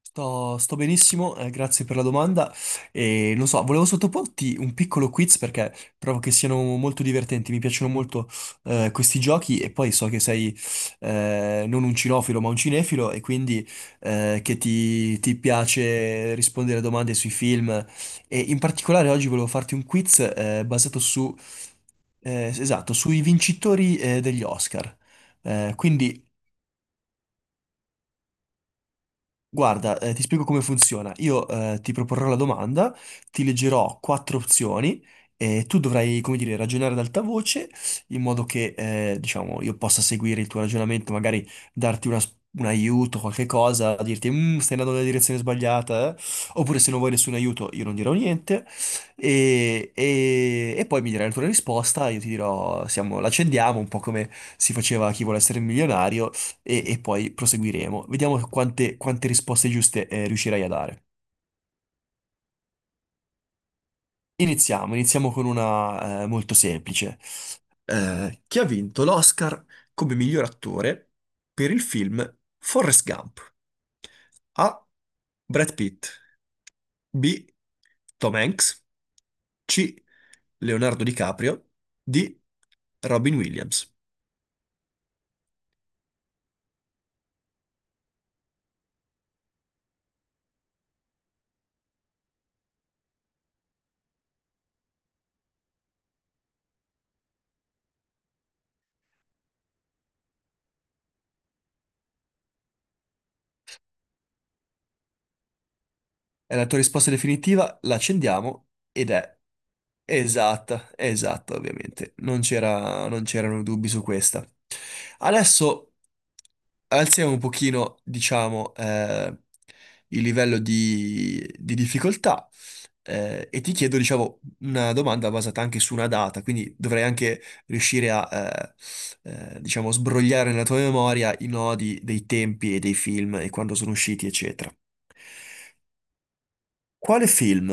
Sto benissimo, grazie per la domanda. E non so, volevo sottoporti un piccolo quiz perché trovo che siano molto divertenti, mi piacciono molto questi giochi e poi so che sei non un cinofilo ma un cinefilo e quindi che ti piace rispondere a domande sui film e in particolare oggi volevo farti un quiz basato su, esatto, sui vincitori degli Oscar. Eh, quindi Guarda, ti spiego come funziona. Io ti proporrò la domanda, ti leggerò quattro opzioni e tu dovrai, come dire, ragionare ad alta voce in modo che, diciamo, io possa seguire il tuo ragionamento, magari darti un aiuto, qualche cosa, dirti, "Mm, stai andando nella direzione sbagliata, eh?" Oppure se non vuoi nessun aiuto io non dirò niente e poi mi dirai la tua risposta, io ti dirò, siamo, l'accendiamo, un po' come si faceva a Chi vuole essere milionario e poi proseguiremo. Vediamo quante risposte giuste riuscirai a dare. Iniziamo, iniziamo con una molto semplice. Chi ha vinto l'Oscar come miglior attore per il film Forrest Gump? A. Brad Pitt. B. Tom Hanks. C. Leonardo DiCaprio. D. Robin Williams. È la tua risposta definitiva, la accendiamo ed è esatta, è esatta, ovviamente. Non c'erano dubbi su questa. Adesso alziamo un pochino, diciamo, il livello di difficoltà e ti chiedo, diciamo, una domanda basata anche su una data, quindi dovrei anche riuscire a, diciamo, sbrogliare nella tua memoria i nodi dei tempi e dei film e quando sono usciti, eccetera. Quale film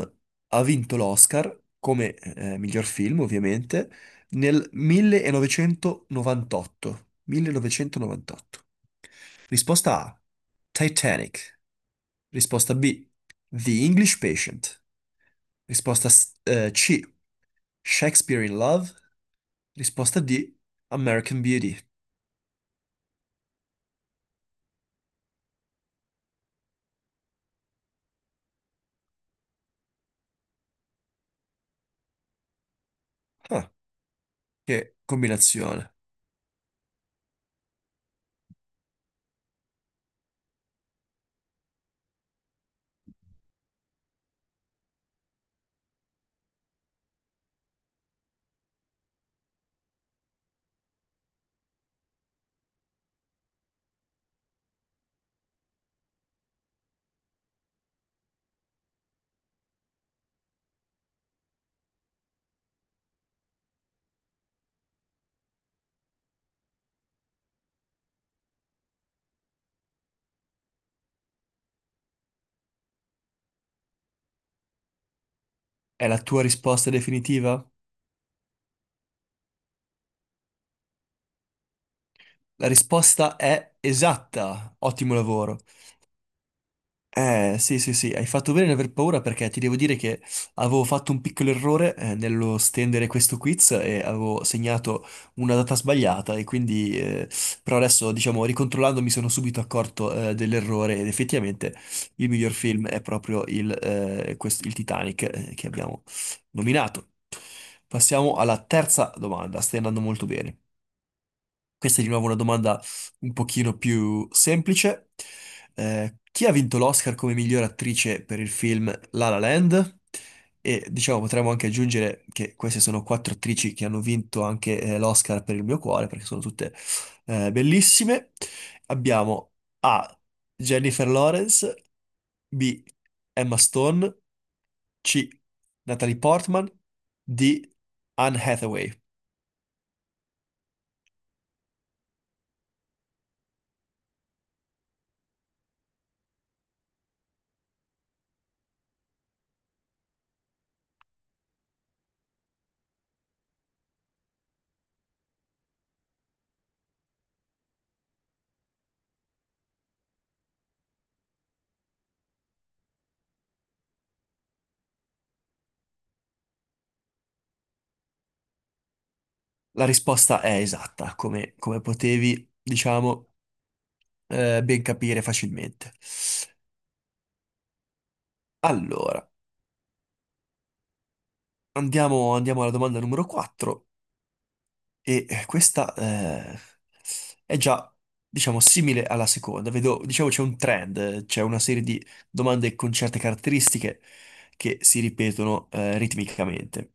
ha vinto l'Oscar come miglior film, ovviamente, nel 1998? 1998. Risposta A. Titanic. Risposta B. The English Patient. Risposta C. Shakespeare in Love. Risposta D. American Beauty. Ah, che combinazione. È la tua risposta definitiva? La risposta è esatta. Ottimo lavoro. Sì, sì, sì, hai fatto bene ad aver paura perché ti devo dire che avevo fatto un piccolo errore nello stendere questo quiz e avevo segnato una data sbagliata e quindi, però adesso, diciamo, ricontrollando mi sono subito accorto dell'errore ed effettivamente il miglior film è proprio il Titanic che abbiamo nominato. Passiamo alla terza domanda, stai andando molto bene. Questa è di nuovo una domanda un pochino più semplice. Chi ha vinto l'Oscar come miglior attrice per il film La La Land? E diciamo, potremmo anche aggiungere che queste sono quattro attrici che hanno vinto anche l'Oscar per il mio cuore, perché sono tutte bellissime. Abbiamo A. Jennifer Lawrence, B. Emma Stone, C. Natalie Portman, D. Anne Hathaway. La risposta è esatta, come, come potevi, diciamo, ben capire facilmente. Allora, andiamo alla domanda numero 4 e questa è già, diciamo, simile alla seconda. Vedo, diciamo, c'è un trend, c'è una serie di domande con certe caratteristiche che si ripetono ritmicamente.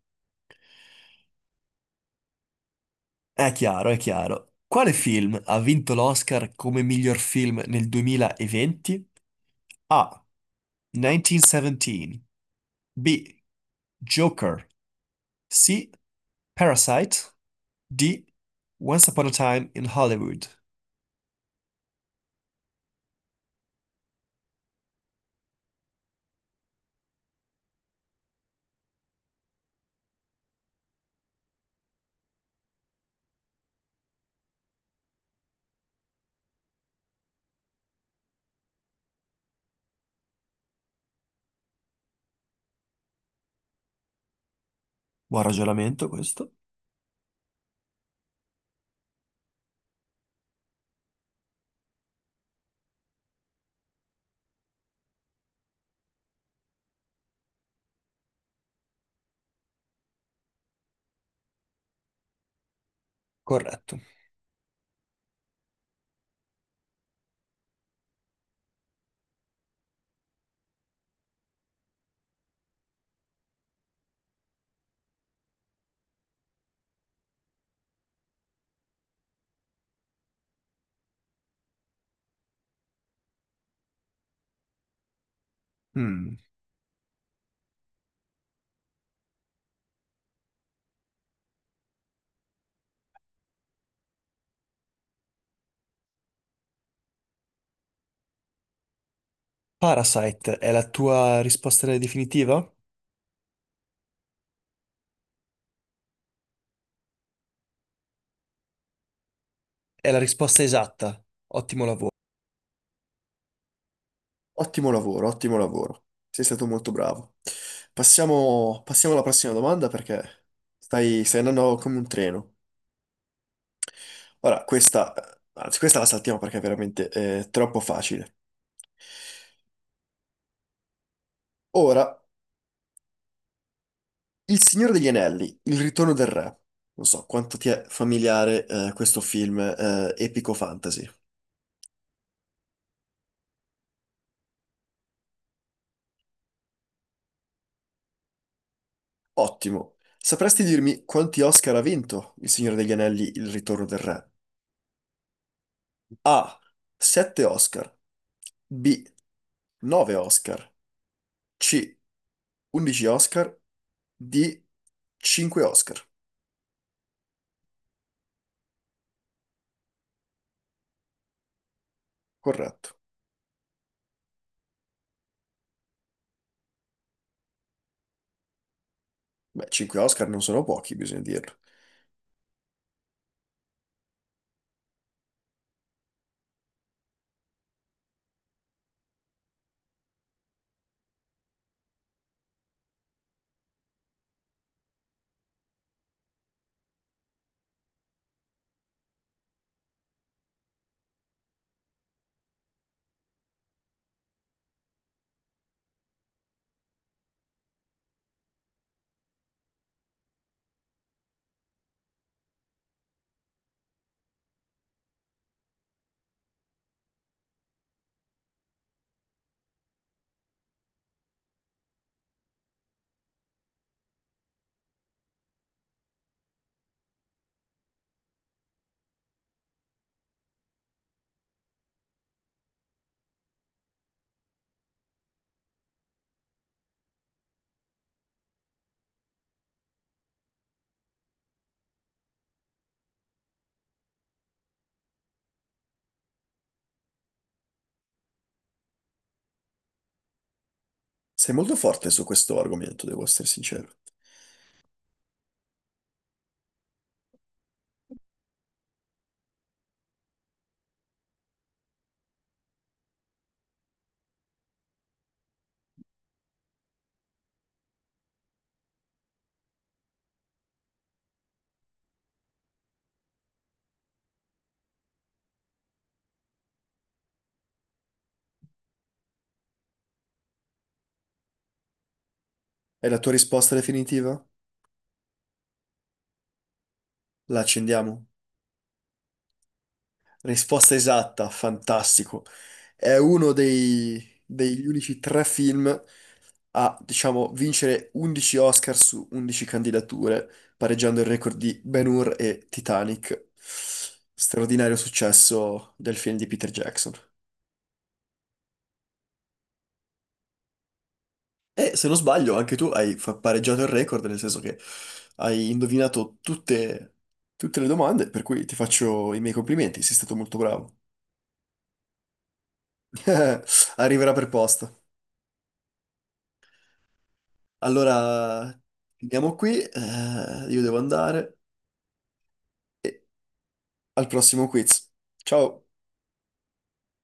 È chiaro, è chiaro. Quale film ha vinto l'Oscar come miglior film nel 2020? A. 1917. B. Joker. C. Parasite. D. Once Upon a Time in Hollywood. Buon ragionamento questo. Corretto. Mm. Parasite è la tua risposta definitiva? È la risposta esatta. Ottimo lavoro. Ottimo lavoro, ottimo lavoro. Sei stato molto bravo. Passiamo, passiamo alla prossima domanda perché stai, stai andando come un treno. Ora, questa, anzi, questa la saltiamo perché è veramente troppo facile. Ora, Il Signore degli Anelli, Il Ritorno del Re. Non so quanto ti è familiare questo film epico fantasy. Ottimo. Sapresti dirmi quanti Oscar ha vinto Il Signore degli Anelli, Il Ritorno del Re? A. 7 Oscar. B. 9 Oscar. C. 11 Oscar. D. 5 Oscar. Corretto. Beh, 5 Oscar non sono pochi, bisogna dirlo. Sei molto forte su questo argomento, devo essere sincero. È la tua risposta definitiva? La accendiamo? Risposta esatta, fantastico. È uno degli unici tre film a, diciamo, vincere 11 Oscar su 11 candidature, pareggiando il record di Ben-Hur e Titanic. Straordinario successo del film di Peter Jackson. E se non sbaglio, anche tu hai pareggiato il record, nel senso che hai indovinato tutte, tutte le domande, per cui ti faccio i miei complimenti, sei stato molto bravo. Arriverà per posto. Allora, finiamo qui, io devo andare e al prossimo quiz. Ciao!